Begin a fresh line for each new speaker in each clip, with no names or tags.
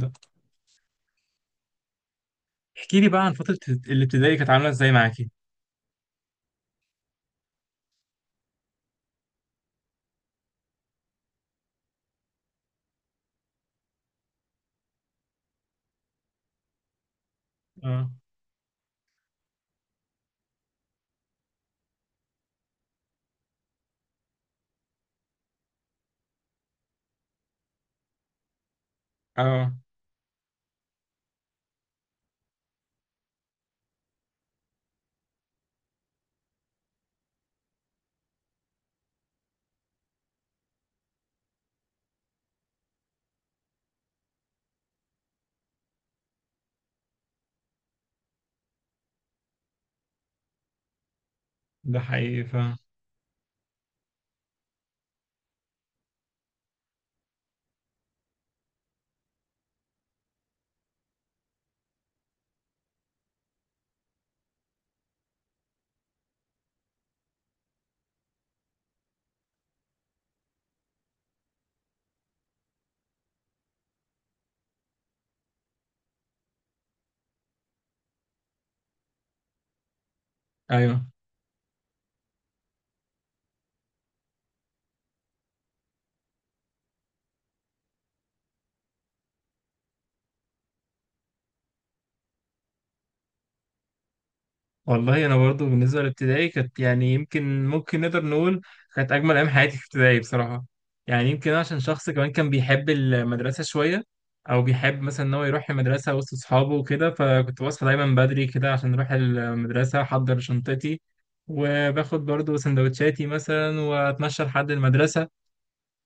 ده. احكي لي بقى عن فترة الابتدائي كانت عاملة ازاي معاكي. اه. اه. ده حقيقي فاهم. ايوه. والله انا برضو بالنسبة للابتدائي كانت يمكن ممكن نقدر نقول كانت اجمل ايام حياتي في ابتدائي بصراحة. يعني يمكن أنا عشان شخص كمان كان بيحب المدرسة شوية، او بيحب مثلا ان هو يروح المدرسة وسط اصحابه وكده، فكنت بصحى دايما بدري كده عشان اروح المدرسة، احضر شنطتي وباخد برضو سندوتشاتي مثلا واتمشى لحد المدرسة.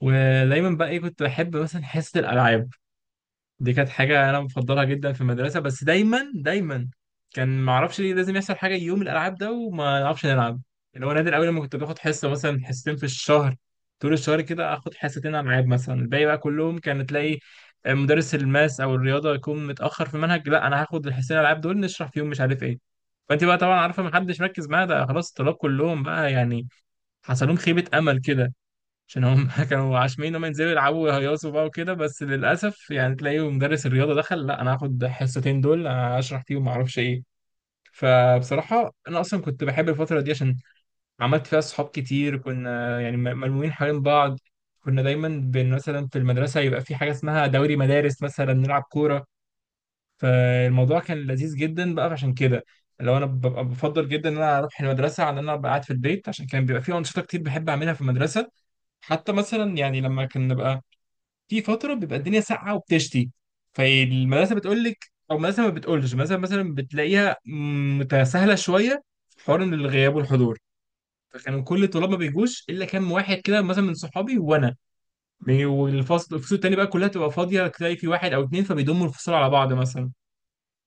ودايما بقى ايه، كنت بحب مثلا حصة الالعاب، دي كانت حاجة أنا مفضلها جدا في المدرسة. بس دايما دايما كان معرفش ليه لازم يحصل حاجة يوم الألعاب ده وما نعرفش نلعب، اللي هو نادر أوي لما كنت باخد حصة مثلا حصتين في الشهر. طول الشهر كده آخد حصتين ألعاب مثلا، الباقي بقى كلهم كان تلاقي مدرس الماس أو الرياضة يكون متأخر في المنهج، لا أنا هاخد الحصتين الألعاب دول نشرح فيهم مش عارف إيه. فأنت بقى طبعا عارفة محدش مركز معايا، ده خلاص الطلاب كلهم بقى يعني حصل لهم خيبة أمل كده، عشان هم كانوا عاشمين ان هم ينزلوا يلعبوا ويهيصوا بقى وكده. بس للاسف يعني تلاقيه مدرس الرياضه دخل لا انا هاخد حصتين دول اشرح فيهم ما اعرفش ايه. فبصراحه انا اصلا كنت بحب الفتره دي عشان عملت فيها صحاب كتير، كنا يعني ملمومين حوالين بعض. كنا دايما بن مثلا في المدرسه يبقى في حاجه اسمها دوري مدارس مثلا نلعب كوره، فالموضوع كان لذيذ جدا بقى. عشان كده لو انا ببقى بفضل جدا ان انا اروح المدرسه عن ان انا ابقى قاعد في البيت، عشان كان بيبقى في انشطه كتير بحب اعملها في المدرسه. حتى مثلا يعني لما كنا نبقى في فتره بيبقى الدنيا ساقعه وبتشتي، فالمدرسه بتقول لك او المدرسه ما بتقولش، مثلا بتلاقيها متساهله شويه في حوار إن الغياب والحضور. فكانوا كل الطلاب ما بيجوش الا كام واحد كده مثلا من صحابي وانا والفصل الفصول التانيه بقى كلها تبقى فاضيه، تلاقي في واحد او اتنين فبيضموا الفصول على بعض مثلا.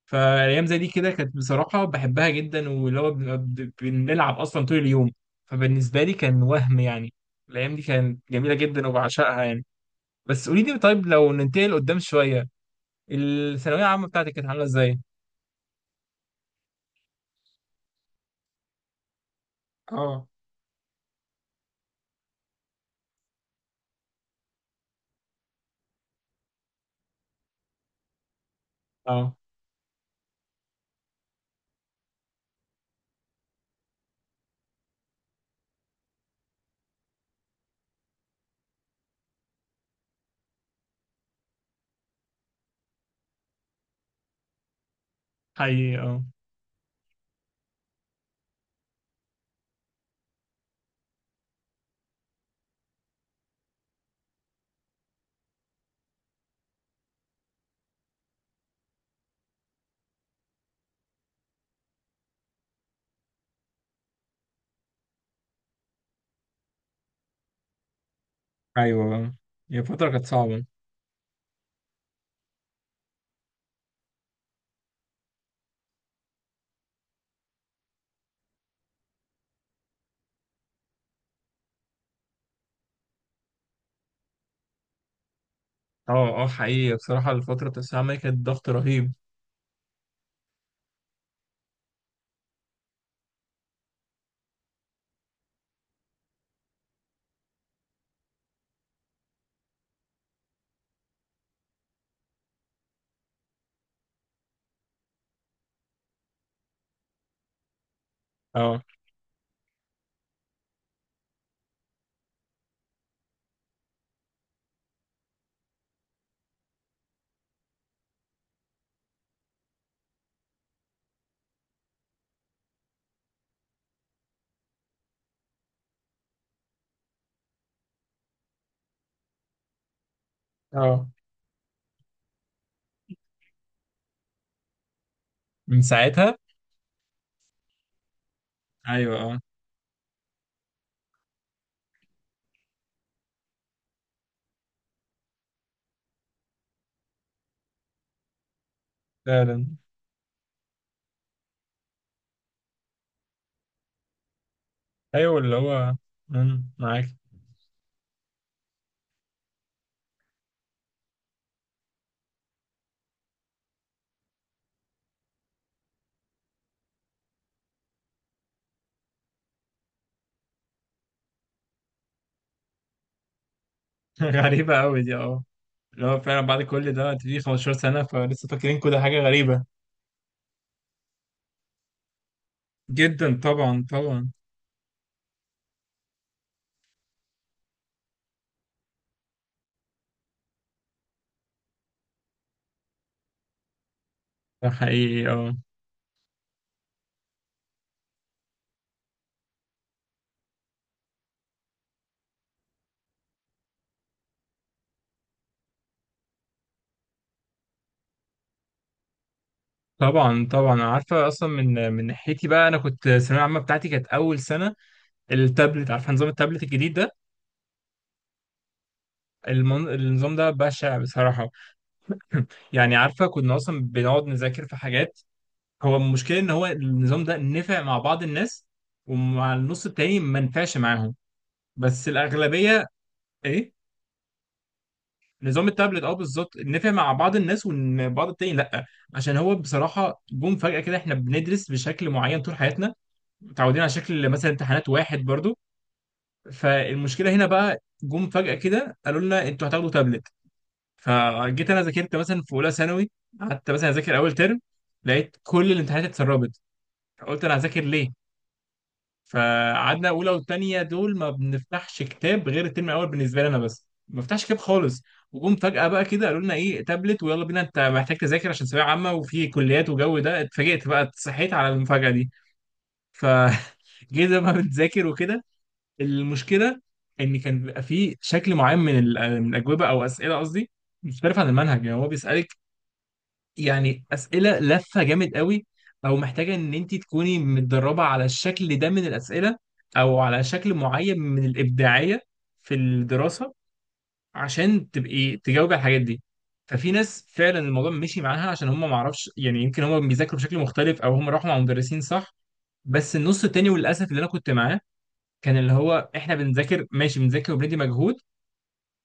فالايام زي دي كده كانت بصراحه بحبها جدا، واللي هو بنلعب اصلا طول اليوم. فبالنسبه لي كان وهم يعني الايام دي كانت جميله جدا وبعشقها يعني. بس قولي لي طيب، لو ننتقل قدام شوية، الثانوية العامة بتاعتك كانت عاملة ازاي؟ اه. اه حقيقي اه. ايوه. هي فترة كانت صعبة. اه. اه حقيقي بصراحة الفترة بتاعت الثانوية العامة دي كانت ضغط رهيب. اه. اه. من ساعتها. ايوه اه فعلا. ايوه اللي هو مم، معاك. غريبة قوي دي اه. اللي هو فعلا بعد كل ده انت في 15 سنة فلسه فاكرين كل حاجة، غريبة جدا طبعا طبعا. ده حقيقي اه. طبعا طبعا، أنا عارفه اصلا. من من ناحيتي بقى انا كنت الثانويه العامه بتاعتي كانت اول سنه التابلت، عارفه نظام التابلت الجديد ده؟ المن... النظام ده بشع بصراحه. يعني عارفه كنا اصلا بنقعد نذاكر في حاجات، هو المشكله ان هو النظام ده نفع مع بعض الناس، ومع النص التاني ما نفعش معاهم. بس الاغلبيه. ايه؟ نظام التابلت، اه بالظبط، نفع مع بعض الناس وبعض التاني لا. عشان هو بصراحه جم فجاه كده، احنا بندرس بشكل معين طول حياتنا، متعودين على شكل مثلا امتحانات واحد برضو. فالمشكله هنا بقى جم فجاه كده قالوا لنا انتوا هتاخدوا تابلت. فجيت انا ذاكرت مثلا في اولى ثانوي، قعدت مثلا اذاكر اول ترم، لقيت كل الامتحانات اتسربت، فقلت انا هذاكر ليه؟ فقعدنا اولى والتانيه دول ما بنفتحش كتاب غير الترم الاول، بالنسبه لي انا بس ما بفتحش كتاب خالص. وجم فجاه بقى كده قالوا لنا ايه تابلت ويلا بينا، انت محتاج تذاكر عشان ثانويه عامه وفي كليات وجو ده. اتفاجئت بقى، صحيت على المفاجاه دي. ف جيت بقى بتذاكر وكده. المشكله ان كان بيبقى فيه شكل معين من من الاجوبه او اسئله قصدي، مختلف عن المنهج. يعني هو بيسالك يعني اسئله لفه جامد قوي، او محتاجه ان انت تكوني متدربه على الشكل ده من الاسئله، او على شكل معين من الابداعيه في الدراسه عشان تبقي تجاوبي على الحاجات دي. ففي ناس فعلا الموضوع مشي معاها، عشان هم ما اعرفش يعني يمكن هم بيذاكروا بشكل مختلف او هم راحوا مع مدرسين صح. بس النص التاني وللاسف اللي انا كنت معاه، كان اللي هو احنا بنذاكر ماشي بنذاكر وبندي مجهود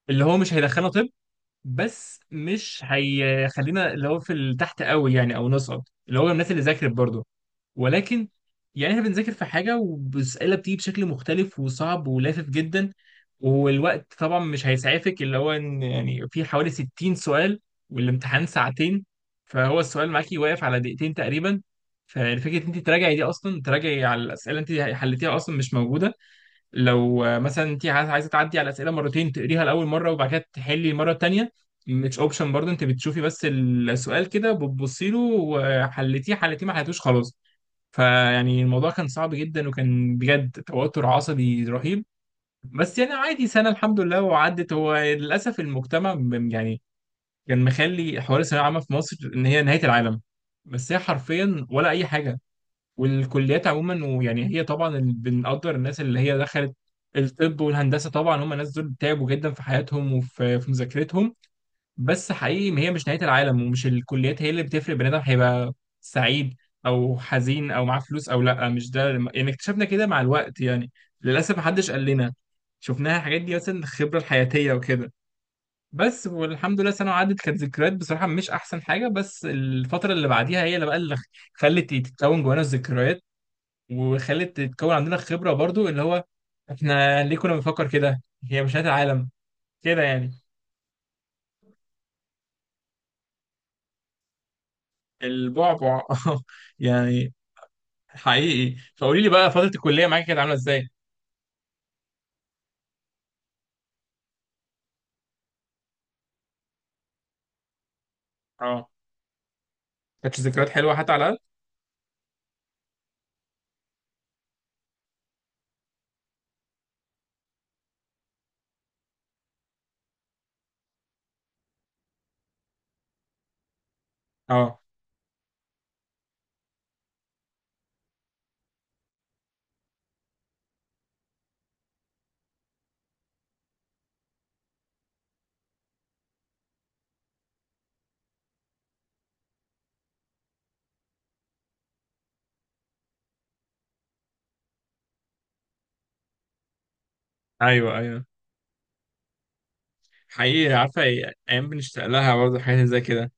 اللي هو مش هيدخلنا طب، بس مش هيخلينا اللي هو في تحت قوي يعني، او نصعد اللي هو الناس اللي ذاكرت برضه. ولكن يعني احنا بنذاكر في حاجه والاسئله بتيجي بشكل مختلف وصعب ولافف جدا، والوقت طبعا مش هيسعفك، اللي هو ان يعني في حوالي 60 سؤال والامتحان ساعتين، فهو السؤال معاكي واقف على دقيقتين تقريبا. فالفكره ان انت تراجعي دي اصلا، تراجعي على الاسئله انت حليتيها اصلا مش موجوده. لو مثلا انت عايزة تعدي على الاسئله مرتين، تقريها لاول مره وبعد كده تحلي المره الثانيه، مش اوبشن برضه. انت بتشوفي بس السؤال كده بتبصي له، وحلتيه حلتيه ما حلتوش خلاص. فيعني الموضوع كان صعب جدا وكان بجد توتر عصبي رهيب. بس يعني عادي سنه الحمد لله وعدت. هو للاسف المجتمع يعني كان مخلي حوار الثانويه العامه في مصر ان هي نهايه العالم، بس هي حرفيا ولا اي حاجه. والكليات عموما، ويعني هي طبعا بنقدر الناس اللي هي دخلت الطب والهندسه، طبعا هم الناس دول تعبوا جدا في حياتهم وفي في مذاكرتهم، بس حقيقي ما هي مش نهايه العالم ومش الكليات هي اللي بتفرق بني ادم هيبقى سعيد او حزين او معاه فلوس او لا. مش ده يعني اكتشفنا كده مع الوقت يعني. للاسف محدش قال لنا، شفناها الحاجات دي مثلا الخبره الحياتيه وكده. بس والحمد لله سنة عدت، كانت ذكريات بصراحة مش أحسن حاجة، بس الفترة اللي بعديها هي اللي بقى اللي خلت تتكون جوانا الذكريات، وخلت تتكون عندنا خبرة برضو، اللي هو احنا ليه كنا بنفكر كده؟ هي مش نهاية العالم كده يعني. البعبع. يعني حقيقي. فقولي لي بقى فترة الكلية معاكي كانت عاملة ازاي؟ اه. كانت ذكريات حلوة حتى على الأقل؟ اه. ايوه ايوه. حقيقي عارفة ايه، ايام بنشتاق لها برضه حاجات زي كده.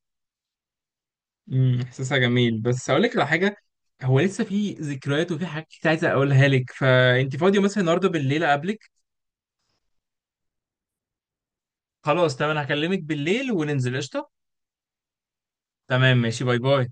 امم، احساسها جميل. بس اقول لك على حاجة، هو لسه في ذكريات وفي حاجات كتير عايز اقولها لك، فانت فاضية مثلا النهارده بالليل اقابلك؟ خلاص تمام، انا هكلمك بالليل وننزل قشطة. تمام ماشي، باي باي.